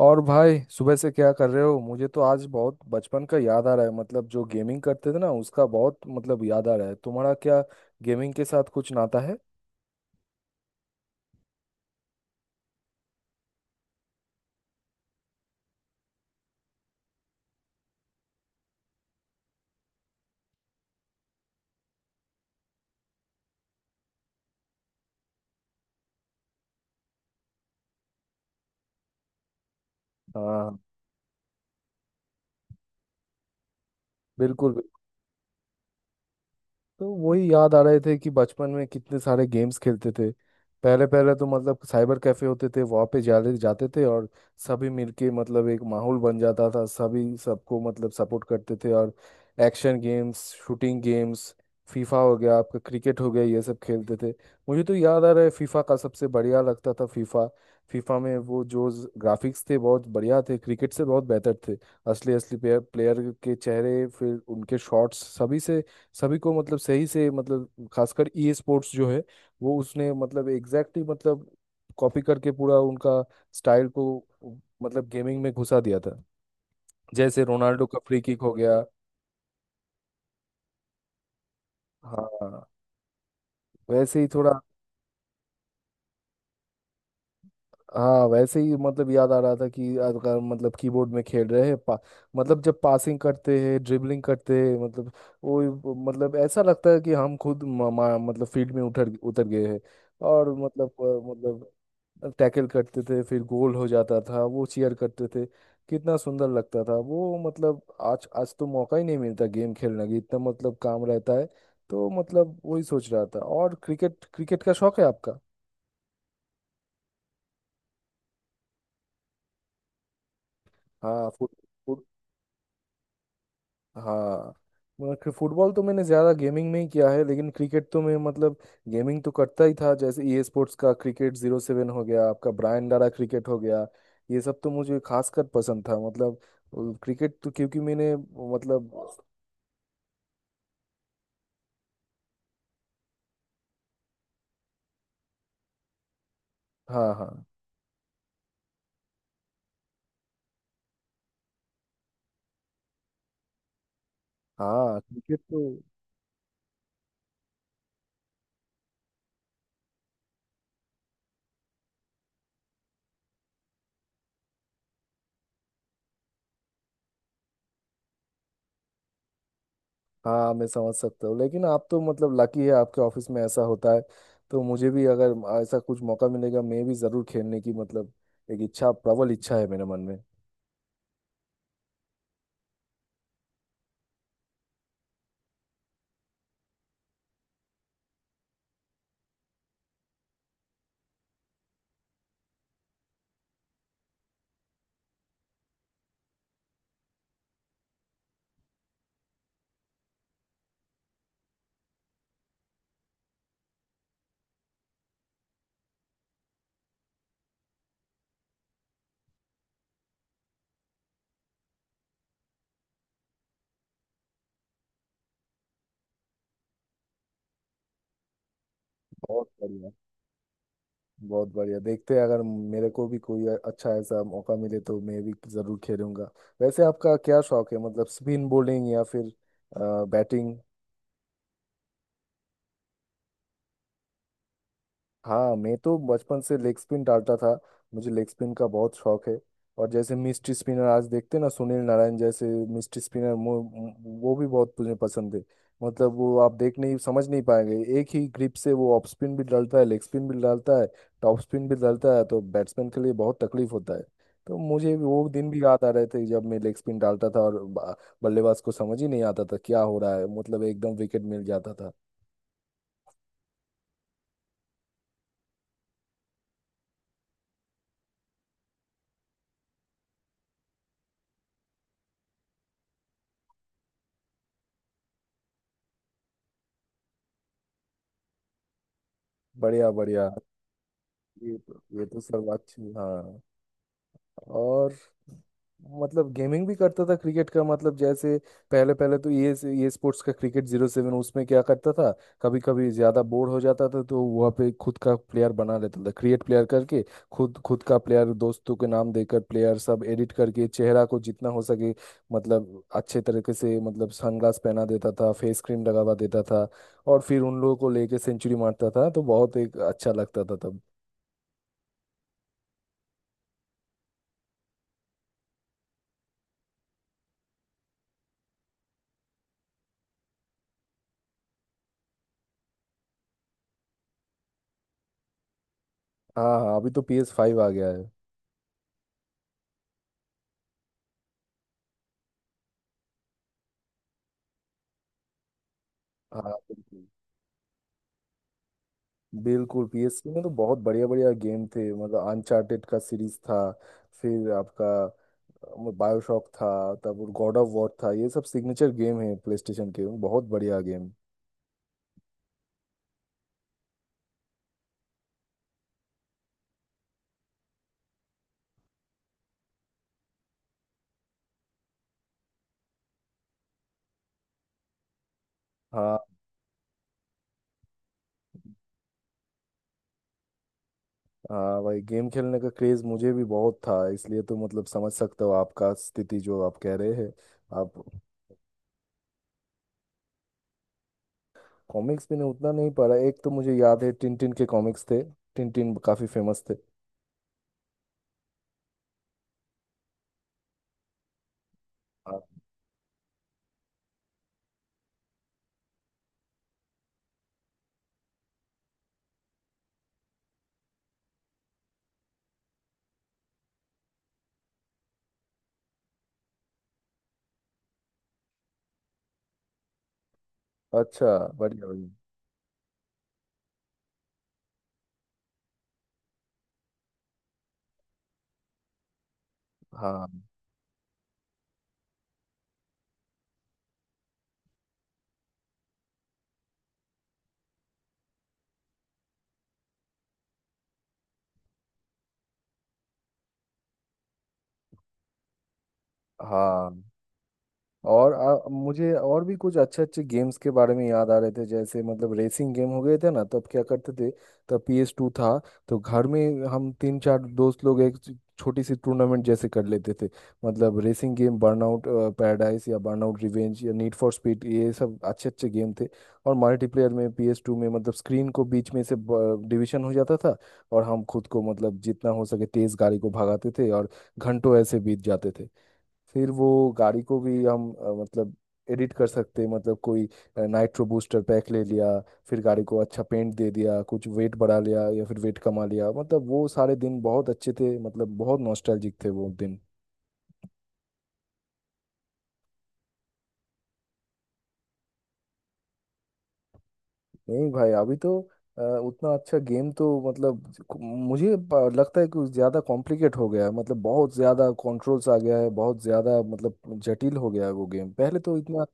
और भाई सुबह से क्या कर रहे हो? मुझे तो आज बहुत बचपन का याद आ रहा है। मतलब जो गेमिंग करते थे ना उसका बहुत मतलब याद आ रहा है। तुम्हारा क्या गेमिंग के साथ कुछ नाता है? हाँ। बिल्कुल। तो वही याद आ रहे थे कि बचपन में कितने सारे गेम्स खेलते थे। पहले पहले तो मतलब साइबर कैफे होते थे वहाँ पे जाले जाते थे। और सभी मिलके मतलब एक माहौल बन जाता था। सभी सबको मतलब सपोर्ट करते थे। और action games, shooting games, FIFA हो गया आपका, क्रिकेट हो गया, ये सब खेलते थे। मुझे तो याद आ रहा है, फीफा का सबसे बढ़िया लगता था। फीफा। फीफा में वो जो ग्राफिक्स थे बहुत बढ़िया थे, क्रिकेट से बहुत बेहतर थे। असली असली प्लेयर प्लेयर के चेहरे, फिर उनके शॉट्स, सभी से सभी को मतलब सही से, मतलब खासकर ई स्पोर्ट्स जो है वो उसने मतलब एग्जैक्टली मतलब कॉपी करके पूरा उनका स्टाइल को उ- मतलब गेमिंग में घुसा दिया था। जैसे रोनाल्डो का फ्री किक हो गया। हाँ वैसे ही थोड़ा। हाँ वैसे ही मतलब याद आ रहा था कि अगर मतलब कीबोर्ड में खेल रहे हैं मतलब जब पासिंग करते हैं ड्रिबलिंग करते हैं, मतलब वो मतलब ऐसा लगता है कि हम खुद म, म, मतलब फील्ड में उतर उतर गए हैं। और मतलब मतलब टैकल करते थे फिर गोल हो जाता था वो चीयर करते थे। कितना सुंदर लगता था वो। मतलब आज आज तो मौका ही नहीं मिलता गेम खेलने की, इतना मतलब काम रहता है। तो मतलब वही सोच रहा था। और क्रिकेट, क्रिकेट का शौक है आपका? हाँ। फुट- हाँ मतलब फुटबॉल तो मैंने ज्यादा गेमिंग में ही किया है, लेकिन क्रिकेट तो मैं मतलब गेमिंग तो करता ही था। जैसे ई स्पोर्ट्स का क्रिकेट जीरो सेवन हो गया आपका, ब्रायन डारा क्रिकेट हो गया, ये सब तो मुझे खासकर पसंद था। मतलब क्रिकेट तो क्योंकि मैंने मतलब हाँ। हाँ। हाँ क्रिकेट तो हाँ। मैं समझ सकता हूँ, लेकिन आप तो मतलब लकी है आपके ऑफिस में ऐसा होता है। तो मुझे भी अगर ऐसा कुछ मौका मिलेगा मैं भी जरूर खेलने की मतलब एक इच्छा, प्रबल इच्छा है मेरे मन में। बहुत बढ़िया। बहुत बढ़िया। देखते हैं अगर मेरे को भी कोई अच्छा ऐसा मौका मिले तो मैं भी जरूर खेलूंगा। वैसे आपका क्या शौक है, मतलब स्पिन बॉलिंग या फिर बैटिंग? हाँ मैं तो बचपन से लेग स्पिन डालता था। मुझे लेग स्पिन का बहुत शौक है। और जैसे मिस्ट्री स्पिनर आज देखते हैं ना, सुनील नारायण जैसे मिस्ट्री स्पिनर, वो भी बहुत मुझे पसंद है। मतलब वो आप देख नहीं, समझ नहीं पाएंगे, एक ही ग्रिप से वो ऑफ स्पिन भी डालता है, लेग स्पिन भी डालता है, टॉप स्पिन भी डालता है। तो बैट्समैन के लिए बहुत तकलीफ होता है। तो मुझे वो दिन भी याद आ रहे थे जब मैं लेग स्पिन डालता था और बल्लेबाज को समझ ही नहीं आता था क्या हो रहा है, मतलब एकदम विकेट मिल जाता था। बढ़िया। बढ़िया। ये तो सब अच्छी हाँ। और मतलब गेमिंग भी करता था क्रिकेट का, मतलब जैसे पहले पहले तो ये स्पोर्ट्स का क्रिकेट जीरो सेवन, उसमें क्या करता था, कभी कभी ज्यादा बोर हो जाता था तो वहाँ पे खुद का प्लेयर बना लेता था, क्रिएट प्लेयर करके खुद खुद का प्लेयर दोस्तों के नाम देकर प्लेयर सब एडिट करके, चेहरा को जितना हो सके मतलब अच्छे तरीके से, मतलब सनग्लास पहना देता था, फेस क्रीम लगावा देता था और फिर उन लोगों को लेके सेंचुरी मारता था तो बहुत एक अच्छा लगता था तब। हाँ हाँ, अभी तो पी एस फाइव आ गया है। हाँ बिल्कुल। बिल्कुल पी एस में तो बहुत बढ़िया बढ़िया गेम थे। मतलब अनचार्टेड का सीरीज था, फिर आपका बायोशॉक था, तब गॉड ऑफ वॉर था, ये सब सिग्नेचर गेम है प्ले स्टेशन के, बहुत बढ़िया गेम। हाँ। हाँ भाई, गेम खेलने का क्रेज मुझे भी बहुत था, इसलिए तो मतलब समझ सकते हो आपका स्थिति जो आप कह रहे हैं। आप कॉमिक्स मैंने उतना नहीं पढ़ा, एक तो मुझे याद है टिन टिन के कॉमिक्स थे, टिन टिन काफी फेमस थे। हाँ। अच्छा। बढ़िया। बढ़िया। हाँ। हाँ और मुझे और भी कुछ अच्छे अच्छे गेम्स के बारे में याद आ रहे थे जैसे मतलब रेसिंग गेम हो गए थे ना, तब क्या करते थे, तब PS2 टू था। तो घर में हम तीन चार दोस्त लोग एक छोटी सी टूर्नामेंट जैसे कर लेते थे। मतलब रेसिंग गेम, बर्नआउट पैराडाइज या बर्नआउट रिवेंज या नीड फॉर स्पीड, ये सब अच्छे अच्छे गेम थे। और मल्टीप्लेयर में PS2 टू में मतलब स्क्रीन को बीच में से डिवीजन हो जाता था और हम खुद को मतलब जितना हो सके तेज गाड़ी को भगाते थे और घंटों ऐसे बीत जाते थे। फिर वो गाड़ी को भी हम मतलब एडिट कर सकते हैं, मतलब कोई नाइट्रो बूस्टर पैक ले लिया, फिर गाड़ी को अच्छा पेंट दे दिया, कुछ वेट बढ़ा लिया या फिर वेट कमा लिया। मतलब वो सारे दिन बहुत अच्छे थे, मतलब बहुत नॉस्टैल्जिक थे वो दिन। नहीं भाई अभी तो उतना अच्छा गेम तो मतलब मुझे लगता है कि ज़्यादा कॉम्प्लिकेट हो गया है, मतलब बहुत ज़्यादा कंट्रोल्स आ गया है, बहुत ज़्यादा मतलब जटिल हो गया है वो गेम। पहले तो इतना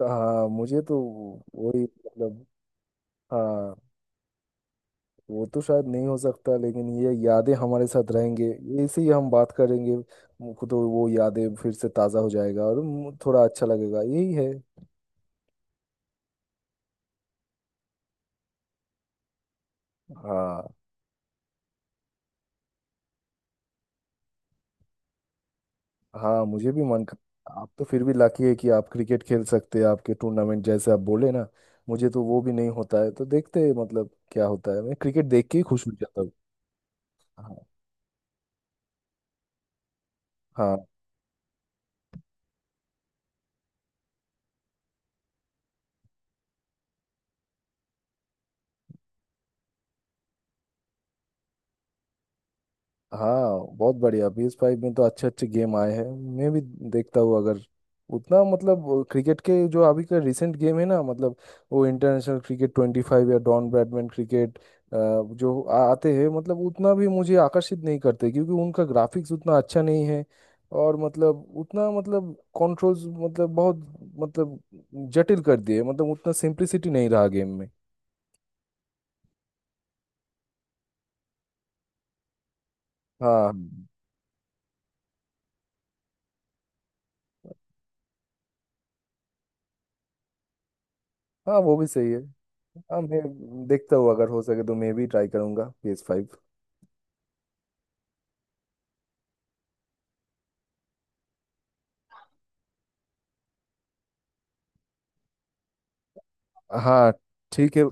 हाँ। मुझे तो वही मतलब हाँ। वो तो शायद नहीं हो सकता, लेकिन ये यादें हमारे साथ रहेंगे, ऐसे ही हम बात करेंगे। मुझको तो वो यादें फिर से ताज़ा हो जाएगा और थोड़ा अच्छा लगेगा, यही है। हाँ। हाँ मुझे भी मन कर। आप तो फिर भी लाकी है कि आप क्रिकेट खेल सकते हैं आपके टूर्नामेंट जैसे आप बोले ना। मुझे तो वो भी नहीं होता है, तो देखते हैं मतलब क्या होता है, मैं क्रिकेट देख के ही खुश हो जाता हूँ। हाँ। हाँ, हाँ बहुत बढ़िया, पी एस फाइव में तो अच्छे अच्छे गेम आए हैं। मैं भी देखता हूँ अगर उतना मतलब क्रिकेट के जो अभी का रिसेंट गेम है ना, मतलब वो इंटरनेशनल क्रिकेट 25 या डॉन ब्रैडमैन क्रिकेट जो आते हैं, मतलब उतना भी मुझे आकर्षित नहीं करते क्योंकि उनका ग्राफिक्स उतना अच्छा नहीं है। और मतलब उतना मतलब कंट्रोल्स मतलब बहुत मतलब जटिल कर दिए, मतलब उतना सिंप्लिसिटी नहीं रहा गेम में। हाँ। हाँ वो भी सही है। हाँ मैं देखता हूँ अगर हो सके तो मैं भी ट्राई करूंगा पी एस फाइव। हाँ। ठीक है।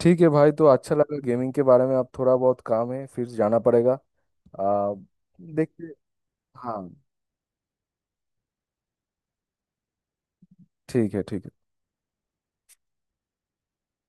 ठीक है भाई तो अच्छा लगा गेमिंग के बारे में। अब थोड़ा बहुत काम है फिर जाना पड़ेगा। आ, देखते हाँ। ठीक है ठीक है।